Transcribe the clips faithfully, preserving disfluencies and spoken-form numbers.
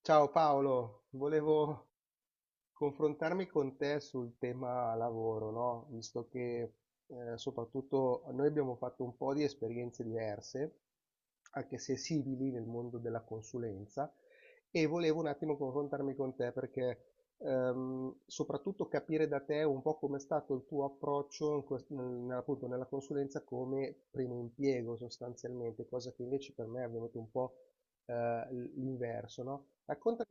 Ciao Paolo, volevo confrontarmi con te sul tema lavoro, no? Visto che eh, soprattutto noi abbiamo fatto un po' di esperienze diverse, anche se simili nel mondo della consulenza, e volevo un attimo confrontarmi con te perché ehm, soprattutto capire da te un po' com'è stato il tuo approccio in quest- nel- nella- appunto nella consulenza come primo impiego sostanzialmente, cosa che invece per me è avvenuto un po' eh, l- l'inverso, no? Raccontami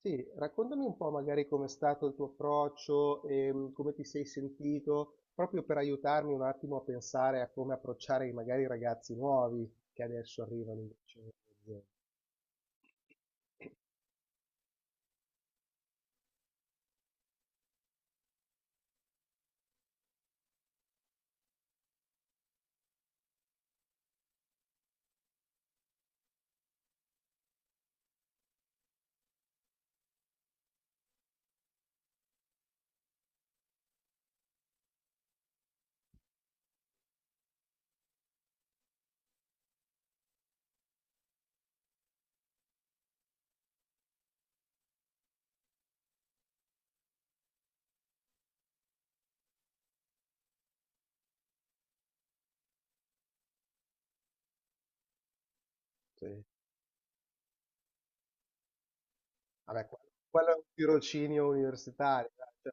sì, Raccontami un po' magari com'è stato il tuo approccio e mm, come ti sei sentito, proprio per aiutarmi un attimo a pensare a come approcciare magari i ragazzi nuovi che adesso arrivano in diciamo, in azienda. Sì. Vabbè, quello quello è un tirocinio universitario, dai,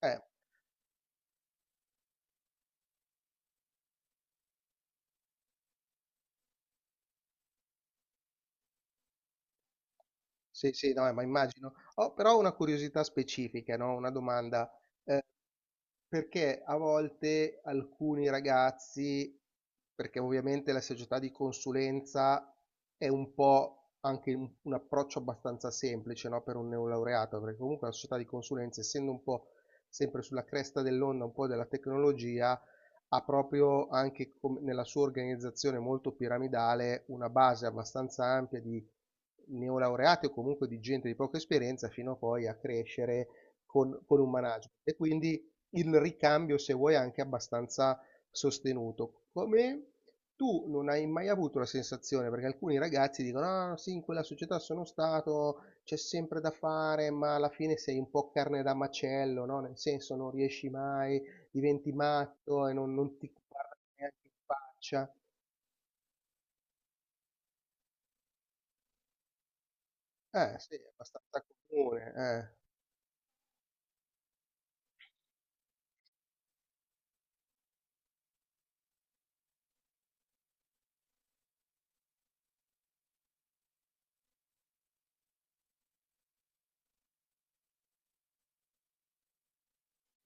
cioè, eh, sì. Sì, no, ma immagino. Ho però una curiosità specifica, no? Una domanda. Perché a volte alcuni ragazzi, perché ovviamente la società di consulenza è un po' anche un, un approccio abbastanza semplice, no, per un neolaureato, perché comunque la società di consulenza, essendo un po' sempre sulla cresta dell'onda, un po' della tecnologia, ha proprio anche com- nella sua organizzazione molto piramidale una base abbastanza ampia di neolaureati o comunque di gente di poca esperienza fino a poi a crescere con, con un manager. E quindi il ricambio, se vuoi, è anche abbastanza sostenuto. Come tu non hai mai avuto la sensazione, perché alcuni ragazzi dicono: "Ah, sì, in quella società sono stato, c'è sempre da fare, ma alla fine sei un po' carne da macello, no? Nel senso, non riesci mai, diventi matto e non, non ti guarda neanche in faccia." Eh, sì, è abbastanza comune. Eh.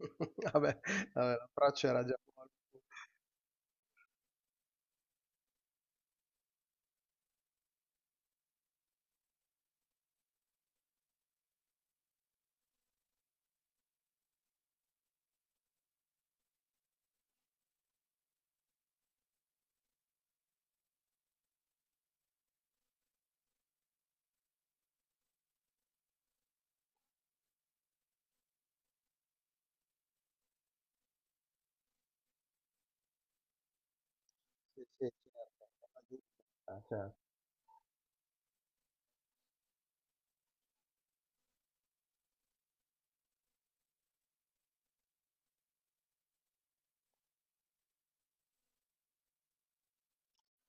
Vabbè, vabbè, l'approccio era già buono. Sì, sì, certo, aiuta, certo.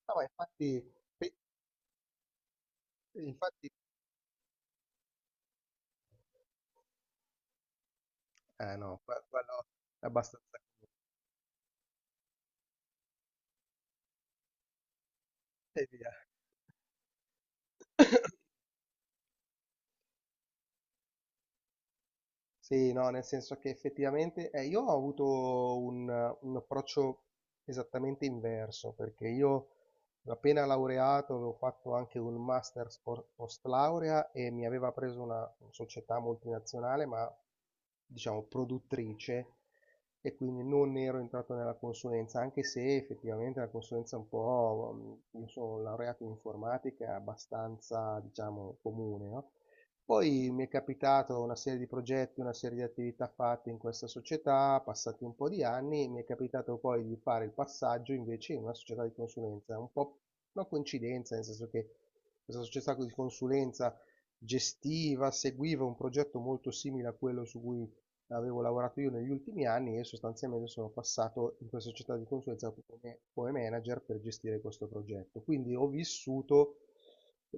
No, ma infatti, sì, infatti. Eh no, que quello è abbastanza e via. Sì, no, nel senso che effettivamente eh, io ho avuto un, un approccio esattamente inverso, perché io appena laureato avevo fatto anche un master po- post laurea e mi aveva preso una società multinazionale, ma diciamo produttrice, e quindi non ero entrato nella consulenza, anche se effettivamente la consulenza è un po', mhmm, io sono laureato in informatica, è abbastanza, diciamo, comune, no? Poi mi è capitato una serie di progetti, una serie di attività fatte in questa società, passati un po' di anni, mi è capitato poi di fare il passaggio invece in una società di consulenza, un po' una coincidenza, nel senso che questa società di consulenza gestiva, seguiva un progetto molto simile a quello su cui avevo lavorato io negli ultimi anni e sostanzialmente sono passato in questa società di consulenza come, come manager per gestire questo progetto. Quindi ho vissuto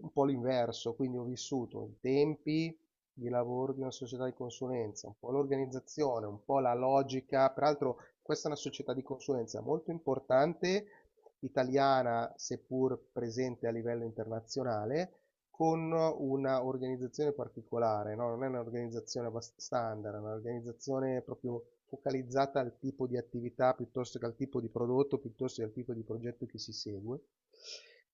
un po' l'inverso, quindi ho vissuto i tempi di lavoro di una società di consulenza, un po' l'organizzazione, un po' la logica. Peraltro questa è una società di consulenza molto importante, italiana seppur presente a livello internazionale con una organizzazione particolare, no? Non è un'organizzazione abbast- standard, è un'organizzazione proprio focalizzata al tipo di attività piuttosto che al tipo di prodotto, piuttosto che al tipo di progetto che si segue.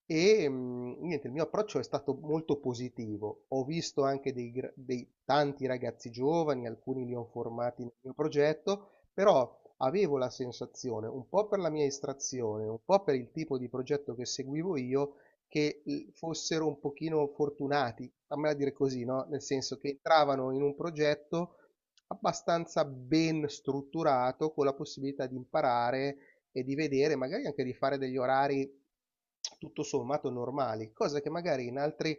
E mh, niente, il mio approccio è stato molto positivo. Ho visto anche dei, gra- dei tanti ragazzi giovani, alcuni li ho formati nel mio progetto, però avevo la sensazione, un po' per la mia estrazione, un po' per il tipo di progetto che seguivo io, che, mhmm, fossero un pochino fortunati, fammela dire così, no, nel senso che entravano in un progetto abbastanza ben strutturato, con la possibilità di imparare e di vedere, magari anche di fare degli orari tutto sommato normali, cosa che magari in altri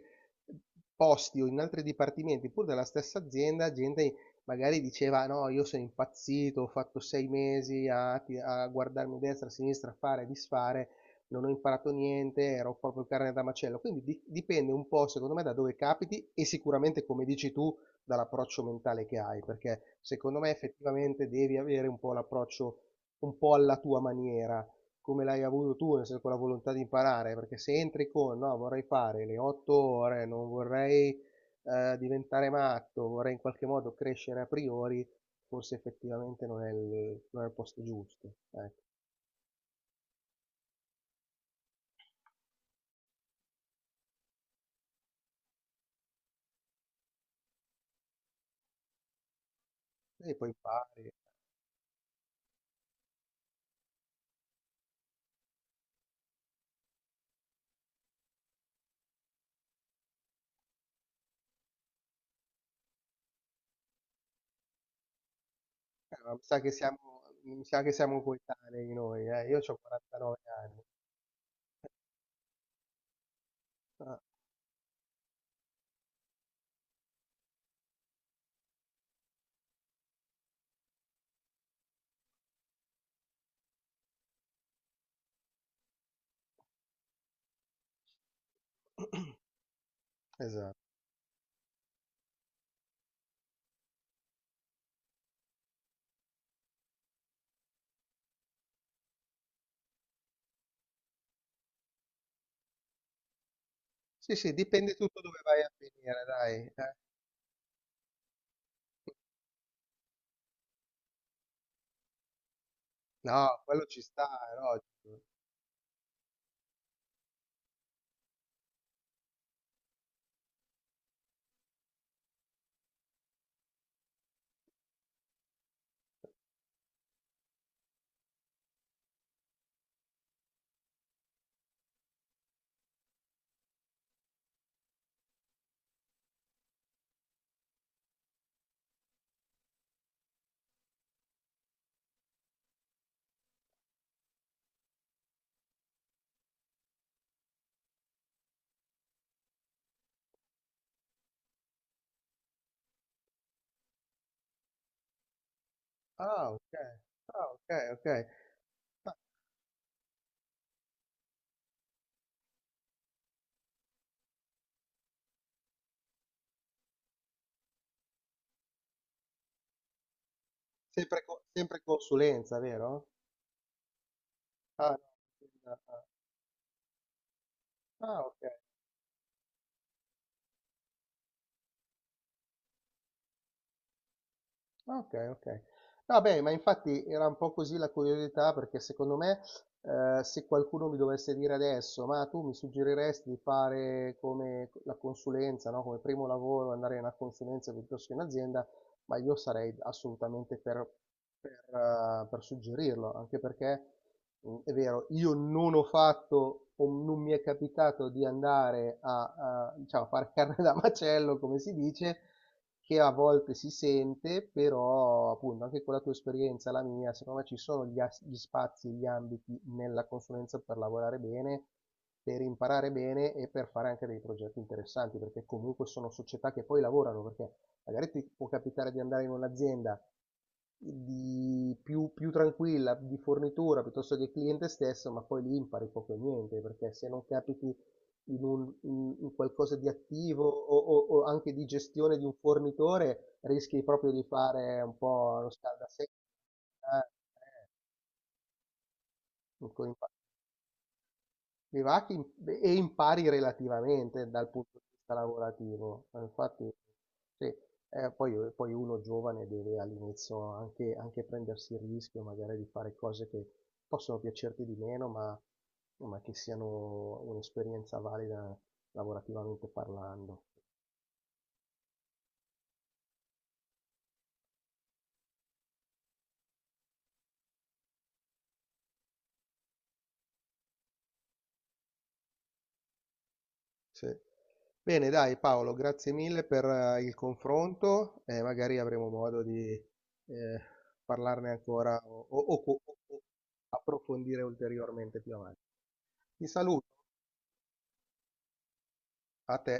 posti o in altri dipartimenti, pur della stessa azienda, gente magari diceva: "No, io sono impazzito, ho fatto sei mesi a ti a guardarmi a destra, a sinistra, a fare e disfare, non ho imparato niente, ero proprio carne da macello." Quindi di- dipende un po', secondo me, da dove capiti e sicuramente, come dici tu, dall'approccio mentale che hai, perché secondo me effettivamente devi avere un po' l'approccio un po' alla tua maniera, come l'hai avuto tu, nel senso con la volontà di imparare, perché se entri con no, vorrei fare le otto ore, non vorrei eh, diventare matto, vorrei in qualche modo crescere a priori, forse effettivamente non è il, non è il posto giusto. Ecco. E poi impari. Ah, mi sa che siamo, mi sa che siamo coetanei noi, eh. Io ho quarantanove anni. Ah. Esatto. Sì, sì, dipende tutto dove vai a finire, dai. Eh. No, quello ci sta, è logico. Ah, ok. Ah, ok, ok. Ma sempre, co- sempre consulenza, vero? Ah, no. Ah, ah. Ah, ok. Okay, okay. No beh, ma infatti era un po' così la curiosità perché secondo me, ehm, se qualcuno mi dovesse dire adesso: "Ma tu mi suggeriresti di fare come la consulenza, no, come primo lavoro, andare in una consulenza piuttosto che in azienda?", ma io sarei assolutamente per per eh, per suggerirlo, anche perché, mhmm, è vero, io non ho fatto o non mi è capitato di andare a a diciamo, a far carne da macello, come si dice che a volte si sente, però appunto anche con la tua esperienza, e la mia, secondo me ci sono gli, as- gli spazi, gli ambiti nella consulenza per lavorare bene, per imparare bene e per fare anche dei progetti interessanti, perché comunque sono società che poi lavorano, perché magari ti può capitare di andare in un'azienda di più, più tranquilla, di fornitura piuttosto che cliente stesso, ma poi lì impari poco e niente, perché se non capiti in un in- in qualcosa di attivo o o- o anche di gestione di un fornitore, rischi proprio di fare un po' lo scaldasenza. Eh, eh, con i pa- i vacchi im- e impari relativamente dal punto di vista lavorativo. Eh, Infatti, sì, eh, poi, poi uno giovane deve all'inizio anche, anche prendersi il rischio magari di fare cose che possono piacerti di meno, ma, ma che siano un'esperienza valida lavorativamente parlando. Sì. Bene, dai Paolo, grazie mille per eh, il confronto e magari avremo modo di eh, parlarne ancora o o- o- o- o approfondire ulteriormente più avanti. Ti saluto, a te.